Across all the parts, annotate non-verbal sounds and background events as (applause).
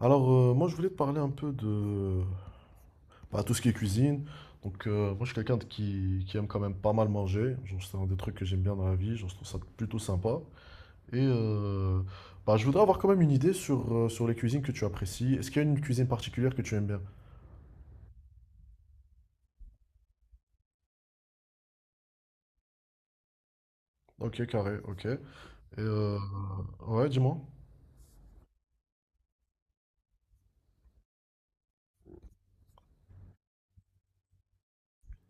Alors, moi, je voulais te parler un peu de bah, tout ce qui est cuisine. Donc, moi, je suis quelqu'un qui aime quand même pas mal manger. Genre, c'est un des trucs que j'aime bien dans la vie. Genre, je trouve ça plutôt sympa. Et bah, je voudrais avoir quand même une idée sur les cuisines que tu apprécies. Est-ce qu'il y a une cuisine particulière que tu aimes bien? Ok, carré, ok. Et euh, ouais, dis-moi.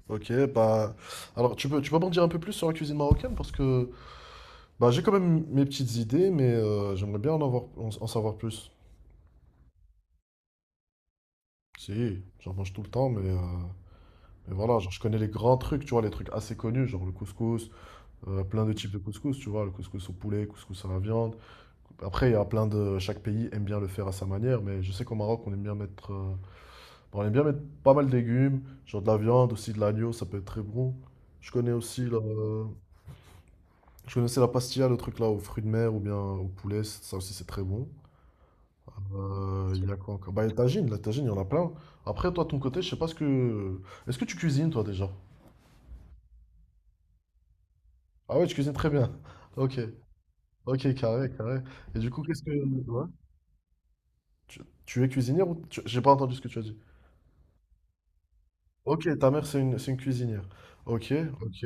Ok, bah. Alors, tu peux m'en dire un peu plus sur la cuisine marocaine? Parce que bah, j'ai quand même mes petites idées, mais j'aimerais bien en avoir, en en savoir plus. Si, j'en mange tout le temps, mais voilà, genre, je connais les grands trucs, tu vois, les trucs assez connus, genre le couscous, plein de types de couscous, tu vois, le couscous au poulet, couscous à la viande. Après, il y a plein de... chaque pays aime bien le faire à sa manière, mais je sais qu'au Maroc, on aime bien bon, on aime bien mettre pas mal de légumes, genre de la viande, aussi de l'agneau, ça peut être très bon. Je connais aussi la... Je connaissais la pastilla, le truc là, aux fruits de mer ou bien au poulet, ça aussi c'est très bon. Il y a quoi encore? Bah, les tagines, la tagine, il y en a plein. Après, toi, de ton côté, je sais pas ce que... est-ce que tu cuisines, toi, déjà? Ah ouais, tu cuisines très bien. (laughs) Ok. Ok, carré, carré. Et du coup, ouais. Tu es cuisinière ou. J'ai pas entendu ce que tu as dit. Ok, ta mère, c'est une cuisinière. Ok, ok.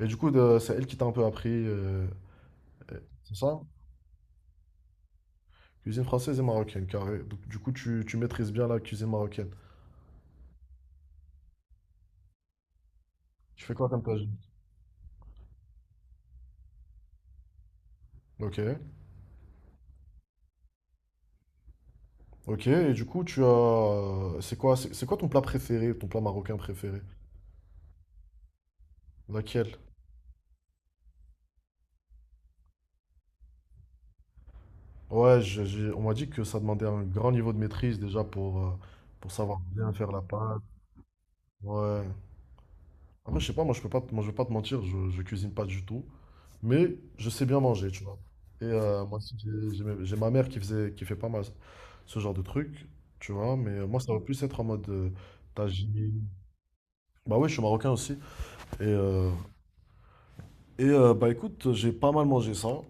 Et du coup, c'est elle qui t'a un peu appris, c'est ça? Cuisine française et marocaine, carré. Donc, du coup, tu maîtrises bien la cuisine marocaine. Tu fais quoi comme plat? Ok, ok. Et du coup, c'est quoi, c'est quoi ton plat préféré, ton plat marocain préféré? Laquelle? Ouais, on m'a dit que ça demandait un grand niveau de maîtrise déjà pour savoir bien faire la pâte. Ouais. Après, je sais pas, moi je peux pas, moi je vais pas te mentir, je cuisine pas du tout, mais je sais bien manger, tu vois. Et moi aussi, j'ai ma mère qui fait pas mal ce genre de trucs, tu vois. Mais moi, ça va plus être en mode tagine. Bah oui, je suis marocain aussi. Et, euh, bah écoute, j'ai pas mal mangé ça.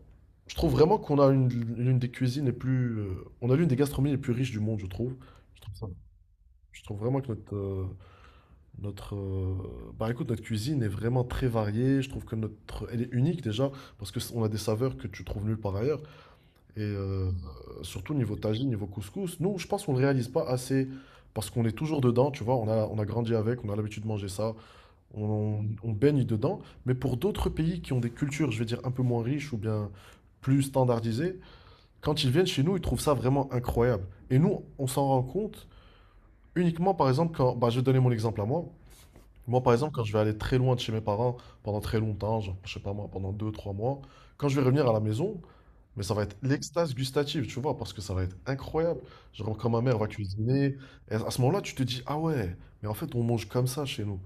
Je trouve vraiment l'une des cuisines les plus, on a l'une des gastronomies les plus riches du monde, je trouve. Je trouve ça- je trouve vraiment que bah écoute, notre cuisine est vraiment très variée. Je trouve que elle est unique déjà parce que on a des saveurs que tu trouves nulle part ailleurs. Et surtout niveau tagine, niveau couscous, nous, je pense qu'on le réalise pas assez parce qu'on est toujours dedans. Tu vois, on a grandi avec, on a l'habitude de manger ça, on baigne dedans. Mais pour d'autres pays qui ont des cultures, je vais dire un peu moins riches ou bien plus standardisées, quand ils viennent chez nous, ils trouvent ça vraiment incroyable. Et nous, on s'en rend compte uniquement, par exemple, quand, bah, je vais te donner mon exemple à moi. Moi, par exemple, quand je vais aller très loin de chez mes parents pendant très longtemps, genre, je sais pas moi, pendant 2-3 mois, quand je vais revenir à la maison, mais ça va être l'extase gustative, tu vois, parce que ça va être incroyable. Genre, quand ma mère va cuisiner, et à ce moment-là, tu te dis, ah ouais, mais en fait, on mange comme ça chez nous.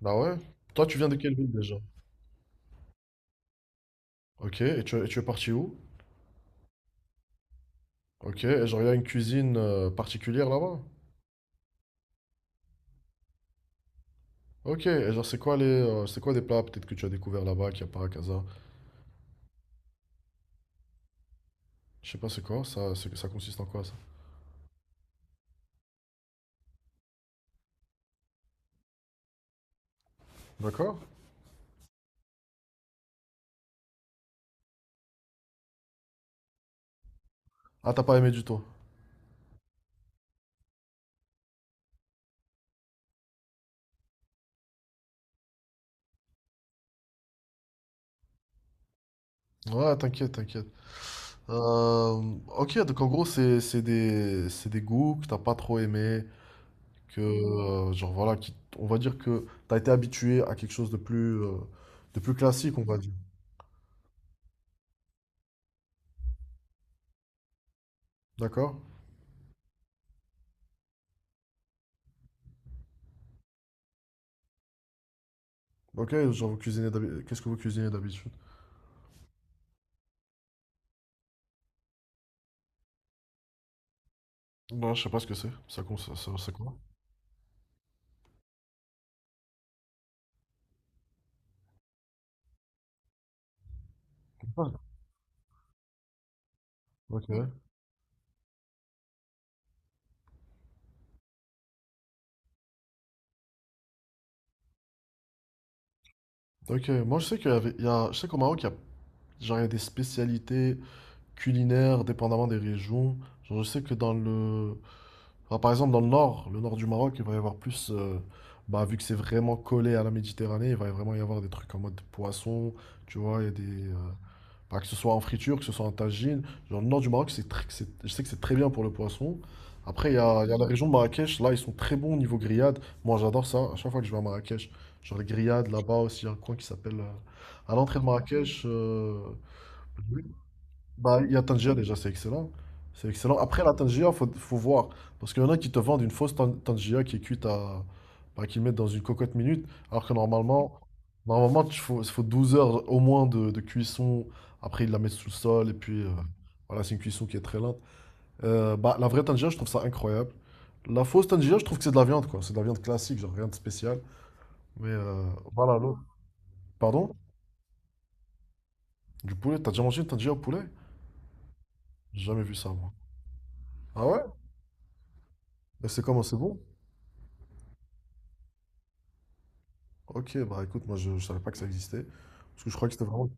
Bah ouais. Toi, tu viens de quelle ville déjà? Ok, et tu es parti où? Ok, et genre, il y a une cuisine particulière là-bas? Ok, et genre, c'est quoi des plats peut-être que tu as découvert là-bas, qu'il n'y a pas à Casa? Je sais pas, c'est quoi? Ça consiste en quoi ça? D'accord? Ah, t'as pas aimé du tout. Ouais, t'inquiète, t'inquiète. Euh, ok, donc en gros, c'est des goûts que t'as pas trop aimé, genre voilà, on va dire que t'as été habitué à quelque chose de plus classique, on va dire. D'accord? Ok, genre qu'est-ce que vous cuisinez d'habitude? Non, je sais pas ce que c'est. Ça, cons- ça- c'est quoi? Ah, ok. Ok, moi je sais qu'au Maroc, genre, il y a des spécialités culinaires dépendamment des régions. Genre, je sais que dans le, enfin, par exemple, dans le nord du Maroc, il va y avoir plus. Bah, vu que c'est vraiment collé à la Méditerranée, il va vraiment y avoir des trucs en mode poisson, tu vois, il y a des. Bah, que ce soit en friture, que ce soit en tagine. Genre, le nord du Maroc, je sais que c'est très bien pour le poisson. Après, il y a la région de Marrakech, là, ils sont très bons au niveau grillade. Moi, j'adore ça. À chaque fois que je vais à Marrakech, genre les grillades là-bas aussi, il y a un coin qui s'appelle. À l'entrée de Marrakech, bah, il y a Tangier déjà, c'est excellent. C'est excellent. Après, la tangia faut voir. Parce qu'il y en a qui te vendent une fausse Tangier qui est cuite à. Bah, qu'ils mettent dans une cocotte minute. Alors que normalement, il faut 12 heures au moins de cuisson. Après, ils la mettent sous le sol. Et puis, voilà, c'est une cuisson qui est très lente. Bah, la vraie tangia je trouve ça incroyable. La fausse tangia je trouve que c'est de la viande, quoi. C'est de la viande classique, genre rien de spécial. Mais voilà, l'autre. Pardon? Du poulet? T'as déjà mangé une tangia au poulet? J'ai jamais vu ça, moi. Ah ouais? Et c'est comment? C'est bon? Ok, bah écoute, moi je savais pas que ça existait. Parce que je crois que c'était vraiment.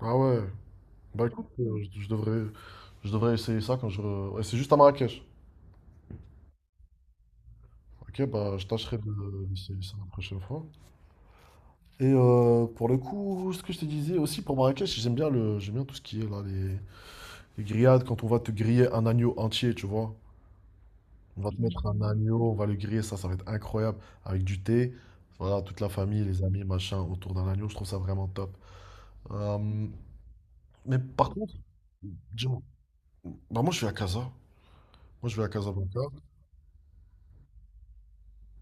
Ah ouais, bah écoute, je devrais essayer ça ouais, c'est juste à Marrakech. Ok, bah je tâcherai d'essayer ça la prochaine fois. Et pour le coup, ce que je te disais aussi pour Marrakech, j'aime bien tout ce qui est là, les grillades, quand on va te griller un agneau entier, tu vois. On va te mettre un agneau, on va le griller, ça va être incroyable, avec du thé. Voilà, toute la famille, les amis, machin, autour d'un agneau, je trouve ça vraiment top. Euh, mais par contre, bah moi je vais à Casa. Moi je vais à Casablanca.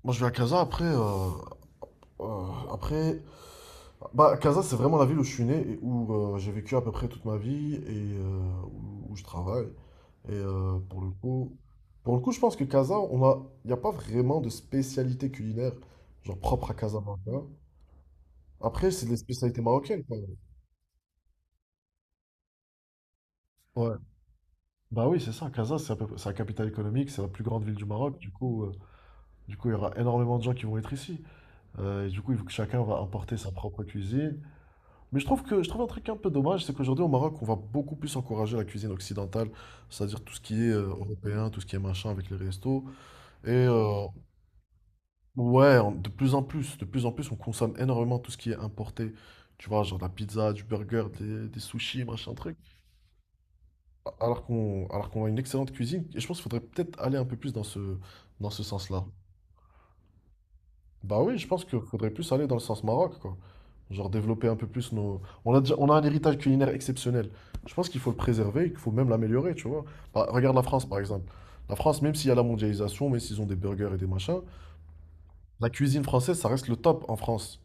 Moi je vais à Casa après après bah Casa c'est vraiment la ville où je suis né et où j'ai vécu à peu près toute ma vie et où je travaille. Et pour le coup je pense que Casa on a il n'y a pas vraiment de spécialité culinaire genre propre à Casablanca. Après c'est des spécialités marocaines quoi. Ouais. Bah oui, c'est ça. Casa c'est c'est la capitale économique, c'est la plus grande ville du Maroc. Du coup il y aura énormément de gens qui vont être ici. Et du coup, il faut que chacun va importer sa propre cuisine. Mais je trouve un truc un peu dommage, c'est qu'aujourd'hui au Maroc, on va beaucoup plus encourager la cuisine occidentale, c'est-à-dire tout ce qui est européen, tout ce qui est machin avec les restos. Et ouais, de plus en plus, de plus en plus, on consomme énormément tout ce qui est importé. Tu vois, genre de la pizza, du burger, des sushis, machin truc. Alors qu'on a une excellente cuisine, et je pense qu'il faudrait peut-être aller un peu plus dans ce sens-là. Bah oui, je pense qu'il faudrait plus aller dans le sens Maroc, quoi. Genre développer un peu plus nos. On a un héritage culinaire exceptionnel. Je pense qu'il faut le préserver, et qu'il faut même l'améliorer, tu vois. Bah, regarde la France, par exemple. La France, même s'il y a la mondialisation, même s'ils ont des burgers et des machins, la cuisine française, ça reste le top en France.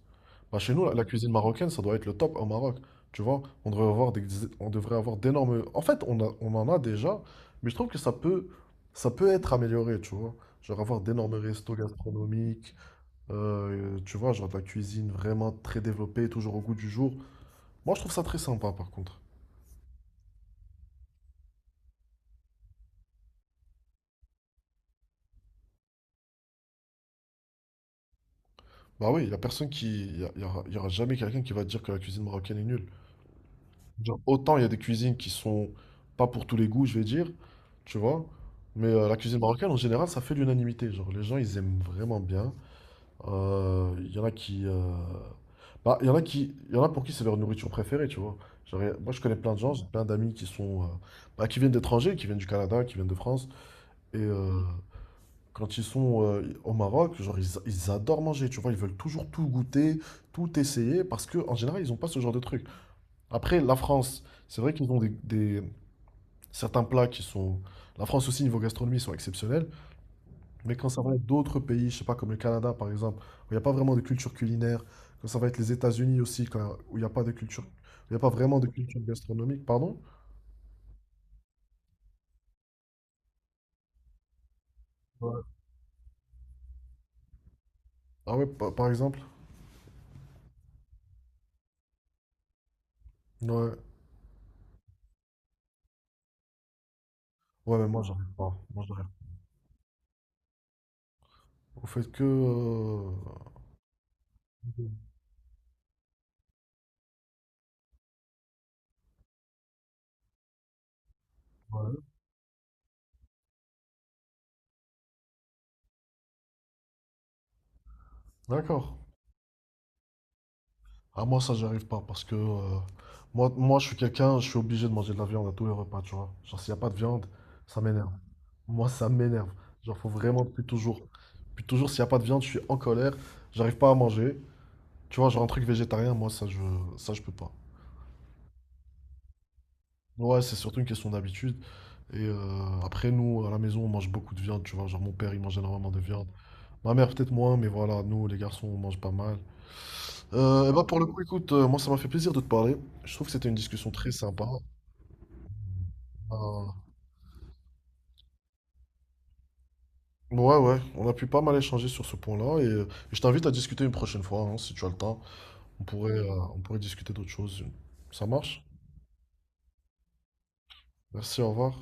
Bah, chez nous, la cuisine marocaine, ça doit être le top au Maroc. Tu vois, on devrait avoir d'énormes. En fait, on en a déjà, mais je trouve que ça peut être amélioré, tu vois. Genre avoir d'énormes restos gastronomiques, tu vois, genre de la cuisine vraiment très développée, toujours au goût du jour. Moi, je trouve ça très sympa, par contre. Bah oui, il y a personne qui... Il y a- y aura jamais quelqu'un qui va dire que la cuisine marocaine est nulle. Genre, autant il y a des cuisines qui sont pas pour tous les goûts, je vais dire, tu vois. Mais la cuisine marocaine, en général, ça fait l'unanimité. Genre, les gens, ils aiment vraiment bien. Il y en a qui... Il y en a pour qui c'est leur nourriture préférée, tu vois. Genre, moi, je connais plein de gens, j'ai plein d'amis bah, qui viennent d'étrangers, qui viennent du Canada, qui viennent de France. Et Quand ils sont au Maroc, genre, ils adorent manger, tu vois, ils veulent toujours tout goûter, tout essayer, parce que en général, ils n'ont pas ce genre de truc. Après, la France, c'est vrai qu'ils ont des- certains plats qui sont... la France aussi, niveau gastronomie, ils sont exceptionnels, mais quand ça va être d'autres pays, je sais pas, comme le Canada, par exemple, où il n'y a pas vraiment de culture culinaire, quand ça va être les États-Unis aussi, où il n'y a pas vraiment de culture gastronomique, pardon. Ouais. Ah ouais, par exemple. Ouais. Ouais, mais moi, j'arrive pas. Moi, j'arrive pas. Ouais. D'accord. Ah, moi, ça, j'arrive pas parce que moi, je suis quelqu'un, je suis obligé de manger de la viande à tous les repas, tu vois. Genre, s'il n'y a pas de viande, ça m'énerve. Moi, ça m'énerve. Genre, faut vraiment, depuis toujours. Depuis toujours, s'il n'y a pas de viande, je suis en colère, j'arrive pas à manger. Tu vois, genre, un truc végétarien, moi, ça, je peux pas. Ouais, c'est surtout une question d'habitude. Et après, nous, à la maison, on mange beaucoup de viande, tu vois. Genre, mon père, il mange énormément de viande. Ma mère, peut-être moins, mais voilà, nous, les garçons, on mange pas mal. Et bah pour le coup, écoute, moi ça m'a fait plaisir de te parler. Je trouve que c'était une discussion très sympa. Euh, ouais, ouais, on a pu pas mal échanger sur ce point-là et je t'invite à discuter une prochaine fois, hein, si tu as le temps. On pourrait discuter d'autres choses. Ça marche? Merci, au revoir.